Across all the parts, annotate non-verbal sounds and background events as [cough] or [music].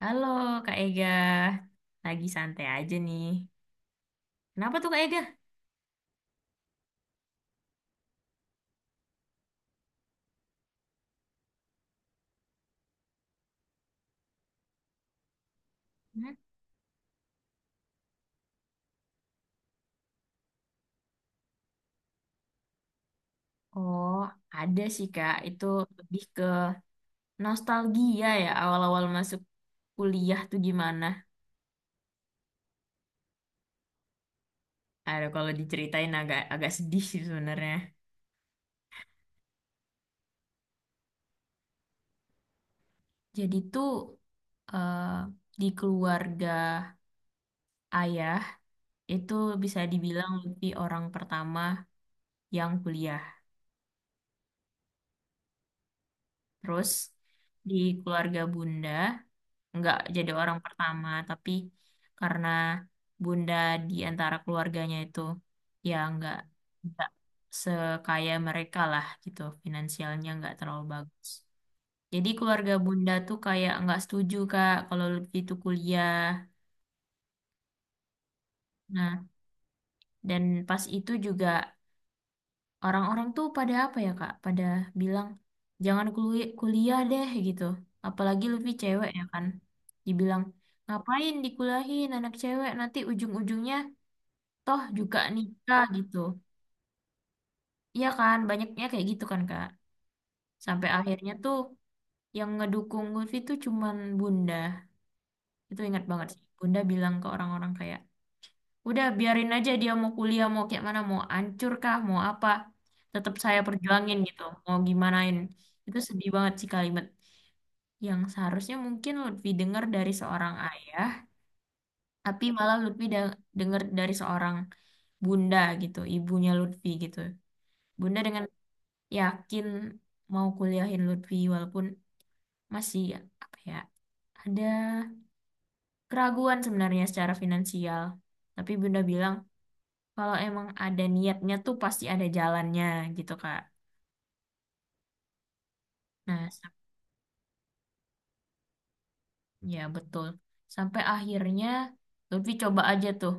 Halo Kak Ega, lagi santai aja nih. Kenapa tuh Kak Ega? Hmm? Oh, ada sih Kak, itu lebih ke nostalgia ya awal-awal masuk kuliah tuh gimana. Aduh, kalau diceritain agak agak sedih sih sebenarnya. Jadi tuh eh, di keluarga ayah itu bisa dibilang lebih orang pertama yang kuliah. Terus di keluarga bunda nggak jadi orang pertama, tapi karena bunda di antara keluarganya itu ya nggak sekaya mereka lah gitu, finansialnya nggak terlalu bagus. Jadi keluarga bunda tuh kayak nggak setuju Kak kalau Lutfi itu kuliah. Nah, dan pas itu juga orang-orang tuh pada apa ya Kak? Pada bilang jangan kuliah deh gitu. Apalagi Lutfi cewek ya kan. Dibilang ngapain dikuliahin anak cewek nanti ujung-ujungnya toh juga nikah gitu. Iya kan, banyaknya kayak gitu kan Kak. Sampai akhirnya tuh yang ngedukung Lutfi tuh cuman Bunda. Itu ingat banget sih. Bunda bilang ke orang-orang kayak, udah biarin aja dia mau kuliah, mau kayak mana, mau hancur kah, mau apa. Tetap saya perjuangin gitu, mau gimanain. Itu sedih banget sih kalimat yang seharusnya mungkin Lutfi dengar dari seorang ayah, tapi malah Lutfi dengar dari seorang bunda gitu, ibunya Lutfi gitu. Bunda dengan yakin mau kuliahin Lutfi walaupun masih apa ya ada keraguan sebenarnya secara finansial. Tapi Bunda bilang kalau emang ada niatnya tuh pasti ada jalannya gitu Kak. Nah, ya betul. Sampai akhirnya Lutfi coba aja tuh.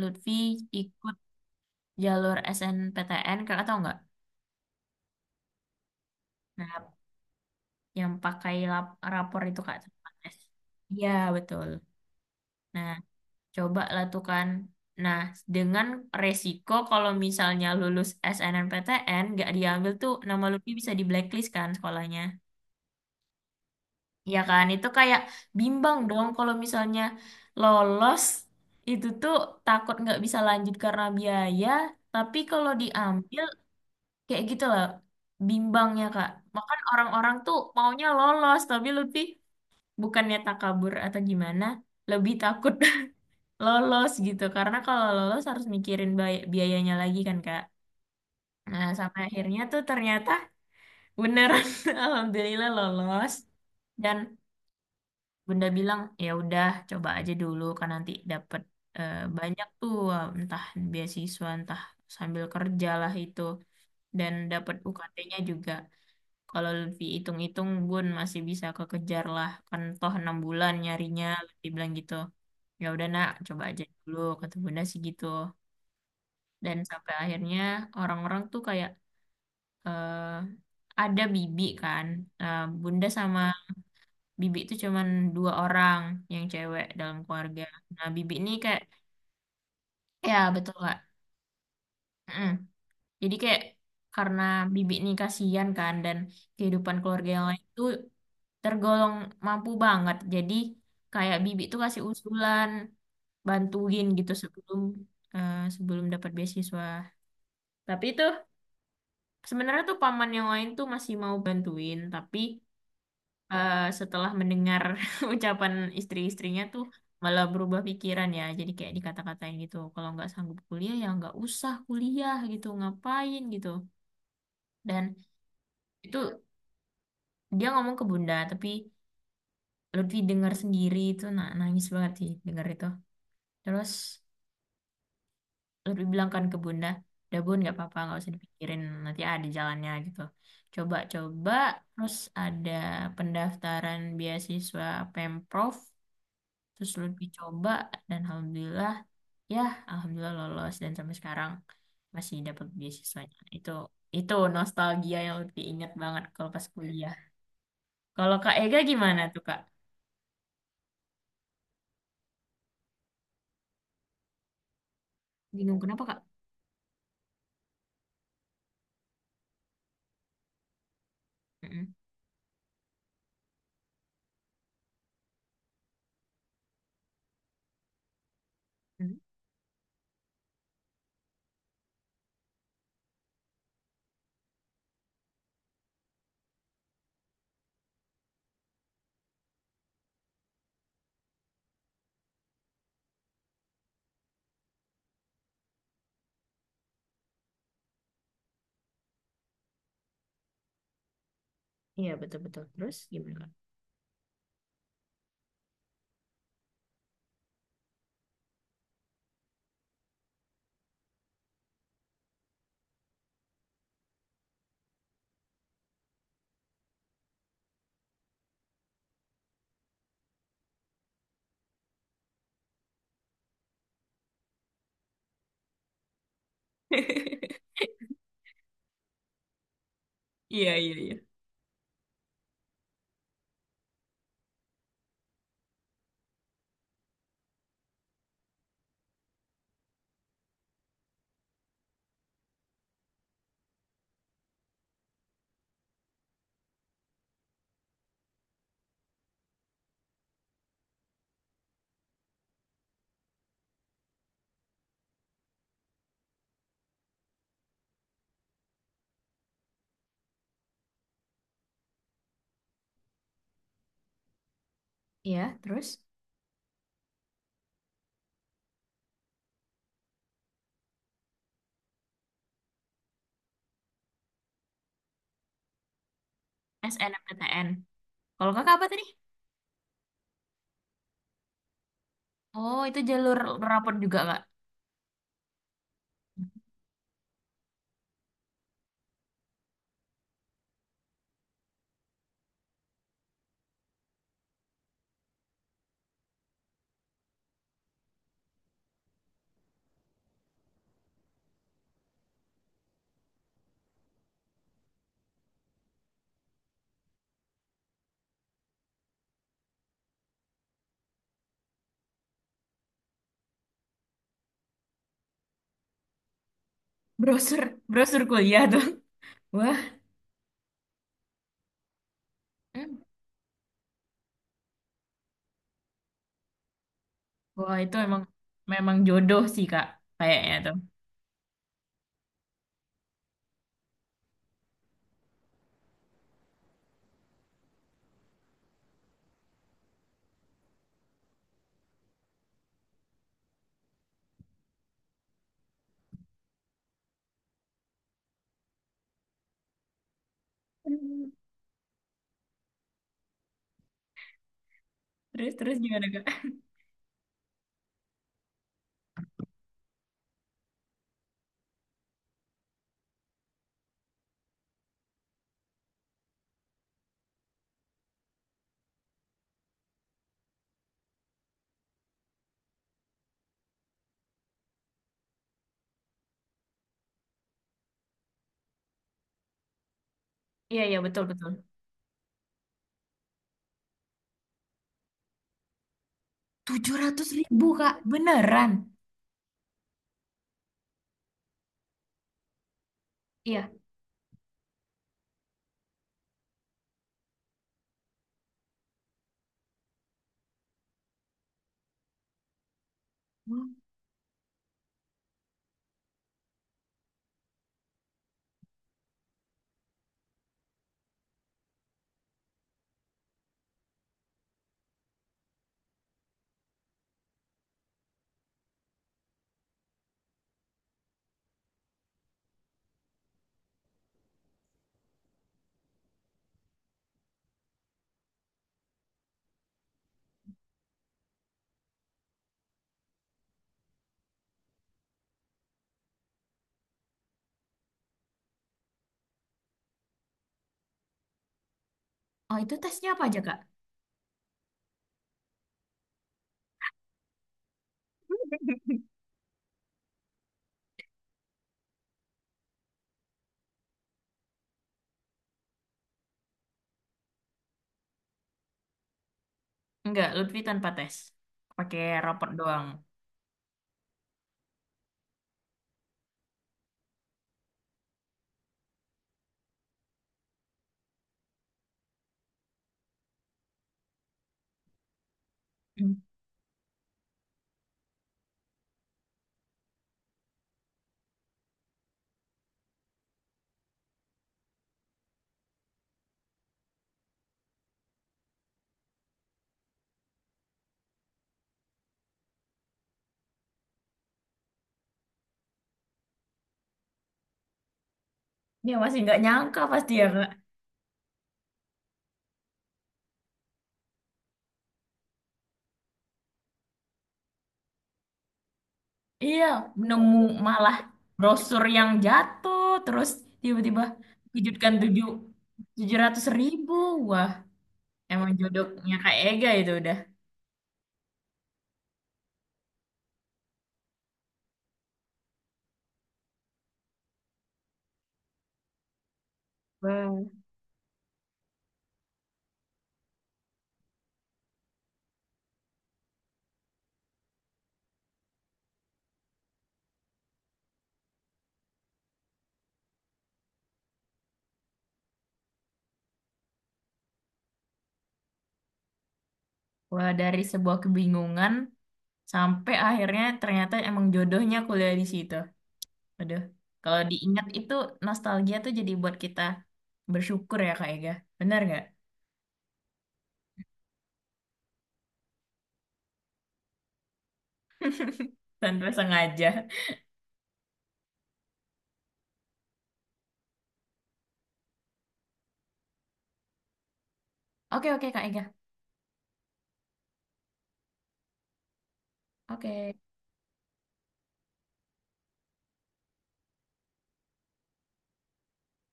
Lutfi ikut jalur SNPTN, Kakak tahu nggak? Nah, yang pakai rapor itu Kak. Tempat. Iya, betul. Nah, coba lah tuh kan. Nah, dengan resiko kalau misalnya lulus SNMPTN gak diambil tuh nama Lutfi bisa di blacklist kan sekolahnya. Ya kan, itu kayak bimbang dong kalau misalnya lolos itu tuh takut nggak bisa lanjut karena biaya, tapi kalau diambil kayak gitu lah bimbangnya Kak. Makan orang-orang tuh maunya lolos, tapi Lutfi bukannya takabur atau gimana, lebih takut [laughs] lolos gitu karena kalau lolos harus mikirin biayanya lagi kan Kak. Nah, sampai akhirnya tuh ternyata beneran [laughs] alhamdulillah lolos, dan Bunda bilang ya udah coba aja dulu kan nanti dapet banyak tuh entah beasiswa entah sambil kerja lah itu, dan dapet UKT-nya juga. Kalau lebih hitung-hitung Bun masih bisa kekejar lah kan toh 6 bulan nyarinya lebih bilang gitu. Ya udah nak coba aja dulu kata Bunda sih gitu. Dan sampai akhirnya orang-orang tuh kayak eh, ada bibi kan. Nah, bunda sama bibi itu cuman dua orang yang cewek dalam keluarga, nah bibi ini kayak, ya betul kak. Mm. Jadi kayak karena bibi ini kasihan kan, dan kehidupan keluarga yang lain itu tergolong mampu banget, jadi kayak bibi tuh kasih usulan bantuin gitu sebelum sebelum dapat beasiswa, tapi itu. Sebenarnya tuh paman yang lain tuh masih mau bantuin, tapi setelah mendengar [laughs] ucapan istri-istrinya tuh malah berubah pikiran ya. Jadi kayak dikata-katain gitu, kalau nggak sanggup kuliah ya nggak usah kuliah gitu, ngapain gitu. Dan itu dia ngomong ke Bunda, tapi Lutfi dengar sendiri itu, nangis banget sih dengar itu. Terus lebih bilang kan ke bunda udah bun nggak apa-apa nggak usah dipikirin nanti ada jalannya gitu, coba coba, terus ada pendaftaran beasiswa Pemprov, terus lebih coba dan alhamdulillah, ya alhamdulillah lolos dan sampai sekarang masih dapat beasiswanya itu. Itu nostalgia yang lebih ingat banget kalau pas kuliah. Kalau Kak Ega gimana tuh Kak? Bingung kenapa Kak? Mm-mm. Mm. Iya betul-betul, terus gimana Kak? [laughs] Iya, iya, iya. Iya, terus? SNMPTN. Kalau kakak apa tadi? Oh, itu jalur rapor juga kak. Brosur, brosur kuliah tuh. [laughs] Wah, hmm. Wah itu emang memang jodoh sih kak, kayaknya tuh. Hmm. Terus terus gimana kak? [laughs] Iya iya betul betul. Tujuh ratus ribu kak, beneran? Iya. Wah. Oh itu tesnya apa aja kak? [laughs] Enggak, Lutfi tanpa tes. Pakai rapor doang. Hmm. Ya masih nggak nyangka pasti ya. Iya, nemu malah brosur yang jatuh, terus tiba-tiba dikejutkan tujuh tujuh ratus ribu. Wah, emang jodohnya Kak Ega itu udah. Wah, wah, dari sebuah kebingungan sampai akhirnya ternyata emang jodohnya kuliah di situ. Aduh, kalau diingat itu nostalgia tuh jadi buat kita bersyukur ya Kak Ega. Benar nggak? Tanpa sengaja. Oke oke Kak Ega. Oke.